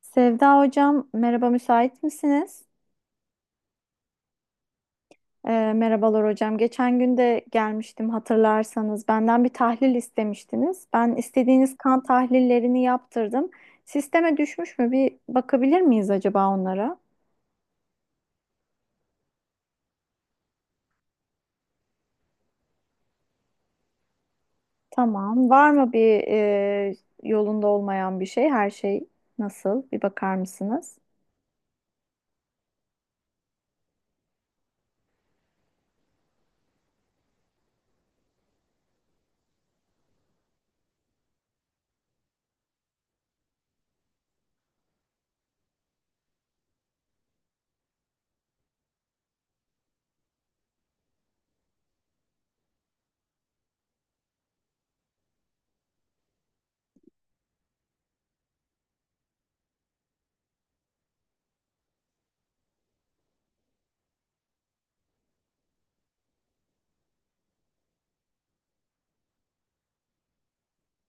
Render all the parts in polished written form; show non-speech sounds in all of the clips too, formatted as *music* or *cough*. Sevda hocam, merhaba müsait misiniz? Merhabalar hocam. Geçen gün de gelmiştim hatırlarsanız. Benden bir tahlil istemiştiniz. Ben istediğiniz kan tahlillerini yaptırdım. Sisteme düşmüş mü? Bir bakabilir miyiz acaba onlara? Tamam. Var mı bir yolunda olmayan bir şey? Her şey nasıl? Bir bakar mısınız?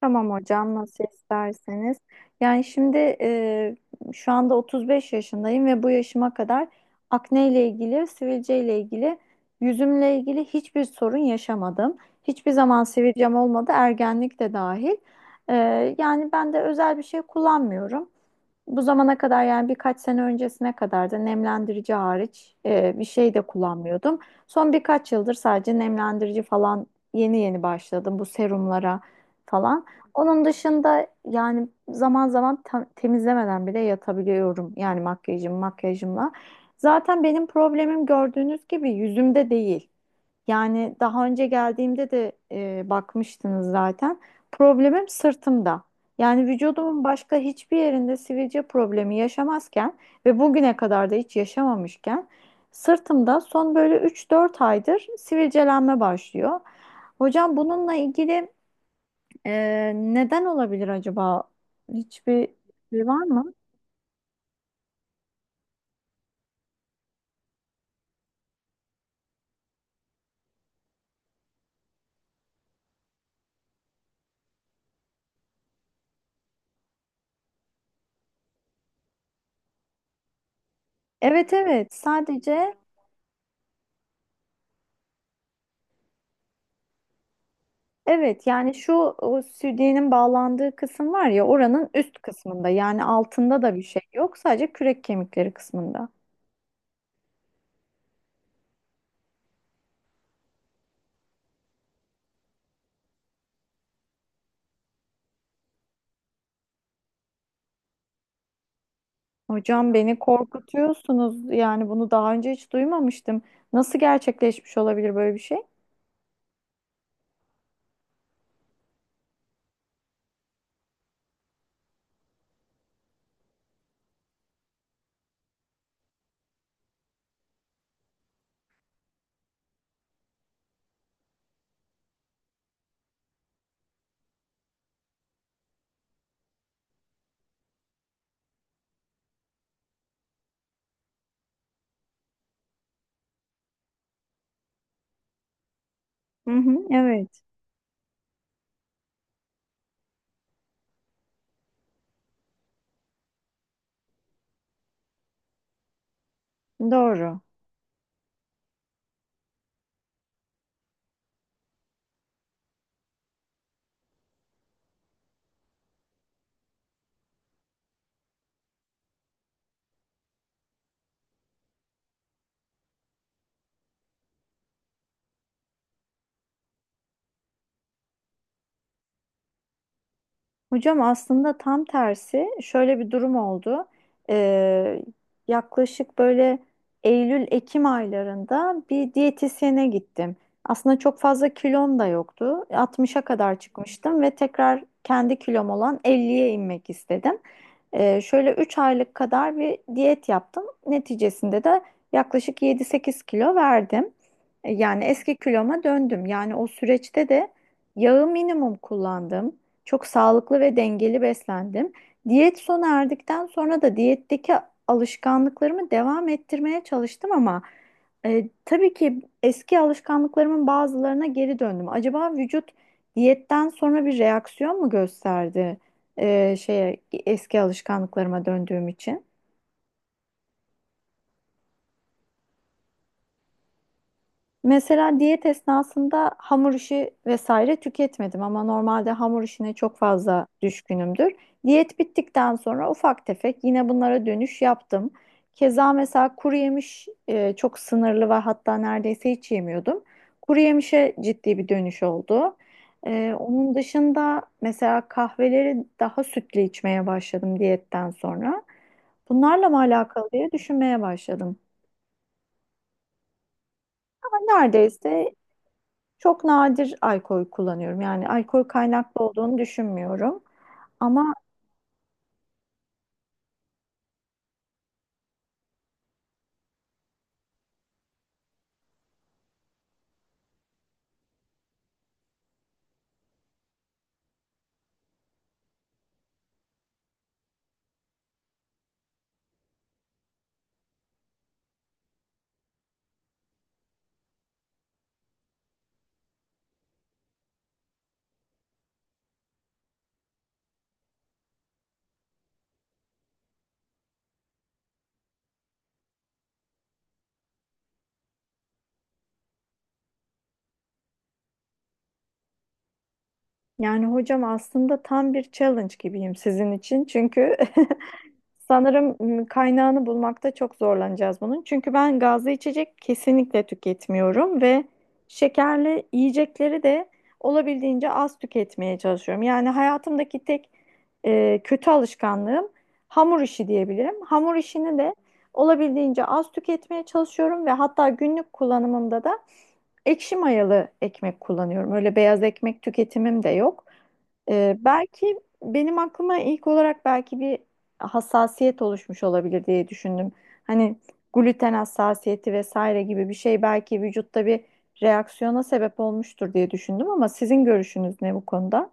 Tamam hocam, nasıl isterseniz. Yani şimdi şu anda 35 yaşındayım ve bu yaşıma kadar akne ile ilgili, sivilce ile ilgili, yüzümle ilgili hiçbir sorun yaşamadım. Hiçbir zaman sivilcem olmadı, ergenlik de dahil. E, Yani ben de özel bir şey kullanmıyorum. Bu zamana kadar, yani birkaç sene öncesine kadar da nemlendirici hariç bir şey de kullanmıyordum. Son birkaç yıldır sadece nemlendirici falan, yeni yeni başladım bu serumlara falan. Onun dışında yani zaman zaman temizlemeden bile yatabiliyorum, yani makyajımla. Zaten benim problemim, gördüğünüz gibi, yüzümde değil. Yani daha önce geldiğimde de bakmıştınız zaten. Problemim sırtımda. Yani vücudumun başka hiçbir yerinde sivilce problemi yaşamazken ve bugüne kadar da hiç yaşamamışken, sırtımda son böyle 3-4 aydır sivilcelenme başlıyor. Hocam, bununla ilgili neden olabilir acaba? Hiçbir şey var mı? Evet, evet, sadece. Evet, yani şu o südyenin bağlandığı kısım var ya, oranın üst kısmında. Yani altında da bir şey yok, sadece kürek kemikleri kısmında. Hocam, beni korkutuyorsunuz, yani bunu daha önce hiç duymamıştım. Nasıl gerçekleşmiş olabilir böyle bir şey? Hı hı, evet, doğru. Hocam, aslında tam tersi şöyle bir durum oldu. Ee, Yaklaşık böyle Eylül-Ekim aylarında bir diyetisyene gittim. Aslında çok fazla kilom da yoktu. 60'a kadar çıkmıştım ve tekrar kendi kilom olan 50'ye inmek istedim. Şöyle 3 aylık kadar bir diyet yaptım. Neticesinde de yaklaşık 7-8 kilo verdim. Yani eski kiloma döndüm. Yani o süreçte de yağı minimum kullandım. Çok sağlıklı ve dengeli beslendim. Diyet sona erdikten sonra da diyetteki alışkanlıklarımı devam ettirmeye çalıştım ama tabii ki eski alışkanlıklarımın bazılarına geri döndüm. Acaba vücut diyetten sonra bir reaksiyon mu gösterdi e, şeye eski alışkanlıklarıma döndüğüm için? Mesela diyet esnasında hamur işi vesaire tüketmedim ama normalde hamur işine çok fazla düşkünümdür. Diyet bittikten sonra ufak tefek yine bunlara dönüş yaptım. Keza mesela kuru yemiş çok sınırlı ve hatta neredeyse hiç yemiyordum. Kuru yemişe ciddi bir dönüş oldu. Onun dışında mesela kahveleri daha sütlü içmeye başladım diyetten sonra. Bunlarla mı alakalı diye düşünmeye başladım. Neredeyse Çok nadir alkol kullanıyorum. Yani alkol kaynaklı olduğunu düşünmüyorum. Ama Yani hocam, aslında tam bir challenge gibiyim sizin için. Çünkü *laughs* sanırım kaynağını bulmakta çok zorlanacağız bunun. Çünkü ben gazlı içecek kesinlikle tüketmiyorum ve şekerli yiyecekleri de olabildiğince az tüketmeye çalışıyorum. Yani hayatımdaki tek kötü alışkanlığım hamur işi diyebilirim. Hamur işini de olabildiğince az tüketmeye çalışıyorum ve hatta günlük kullanımımda da ekşi mayalı ekmek kullanıyorum. Öyle beyaz ekmek tüketimim de yok. Belki benim aklıma ilk olarak belki bir hassasiyet oluşmuş olabilir diye düşündüm. Hani gluten hassasiyeti vesaire gibi bir şey belki vücutta bir reaksiyona sebep olmuştur diye düşündüm ama sizin görüşünüz ne bu konuda?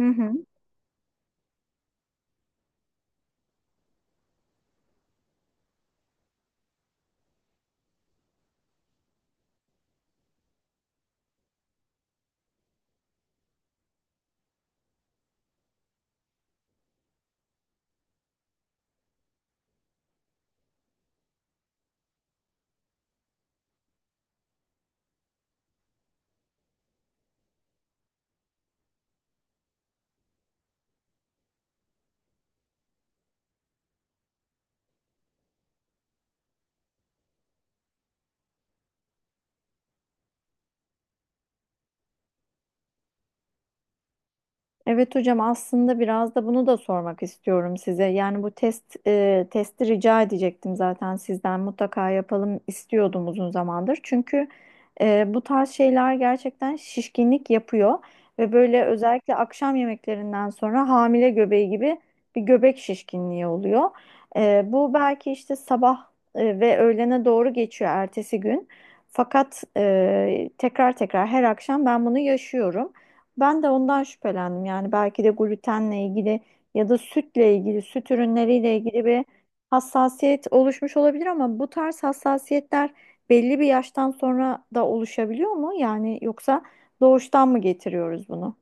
Hı hı. Evet hocam, aslında biraz da bunu da sormak istiyorum size. Yani bu testi rica edecektim zaten sizden, mutlaka yapalım istiyordum uzun zamandır. Çünkü bu tarz şeyler gerçekten şişkinlik yapıyor ve böyle özellikle akşam yemeklerinden sonra hamile göbeği gibi bir göbek şişkinliği oluyor. Bu belki işte sabah ve öğlene doğru geçiyor ertesi gün. Fakat tekrar tekrar her akşam ben bunu yaşıyorum. Ben de ondan şüphelendim. Yani belki de glutenle ilgili ya da sütle ilgili, süt ürünleriyle ilgili bir hassasiyet oluşmuş olabilir ama bu tarz hassasiyetler belli bir yaştan sonra da oluşabiliyor mu? Yani yoksa doğuştan mı getiriyoruz bunu?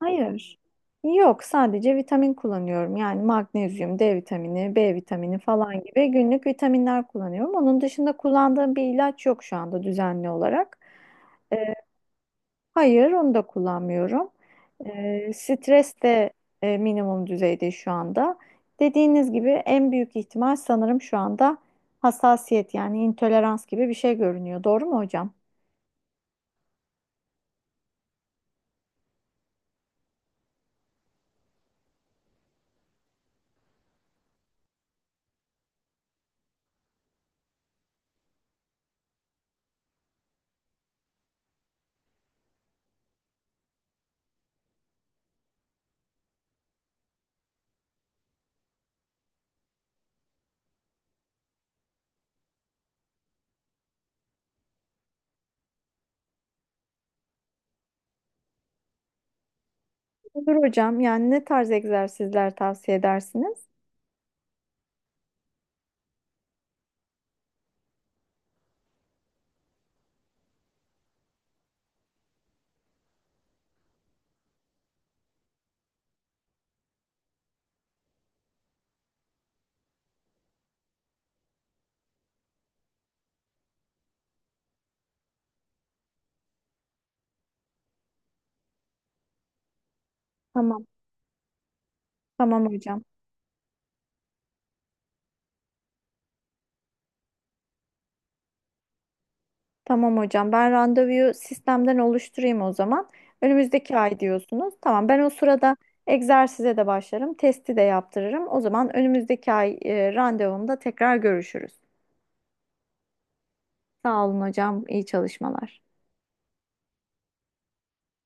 Hayır. Yok, sadece vitamin kullanıyorum. Yani magnezyum, D vitamini, B vitamini falan gibi günlük vitaminler kullanıyorum. Onun dışında kullandığım bir ilaç yok şu anda düzenli olarak. Ee, Hayır, onu da kullanmıyorum. Stres de minimum düzeyde şu anda. Dediğiniz gibi en büyük ihtimal sanırım şu anda hassasiyet, yani intolerans gibi bir şey görünüyor. Doğru mu hocam? Olur hocam. Yani ne tarz egzersizler tavsiye edersiniz? Tamam. Tamam hocam. Tamam hocam. Ben randevuyu sistemden oluşturayım o zaman. Önümüzdeki ay diyorsunuz. Tamam. Ben o sırada egzersize de başlarım. Testi de yaptırırım. O zaman önümüzdeki ay randevumda tekrar görüşürüz. Sağ olun hocam. İyi çalışmalar.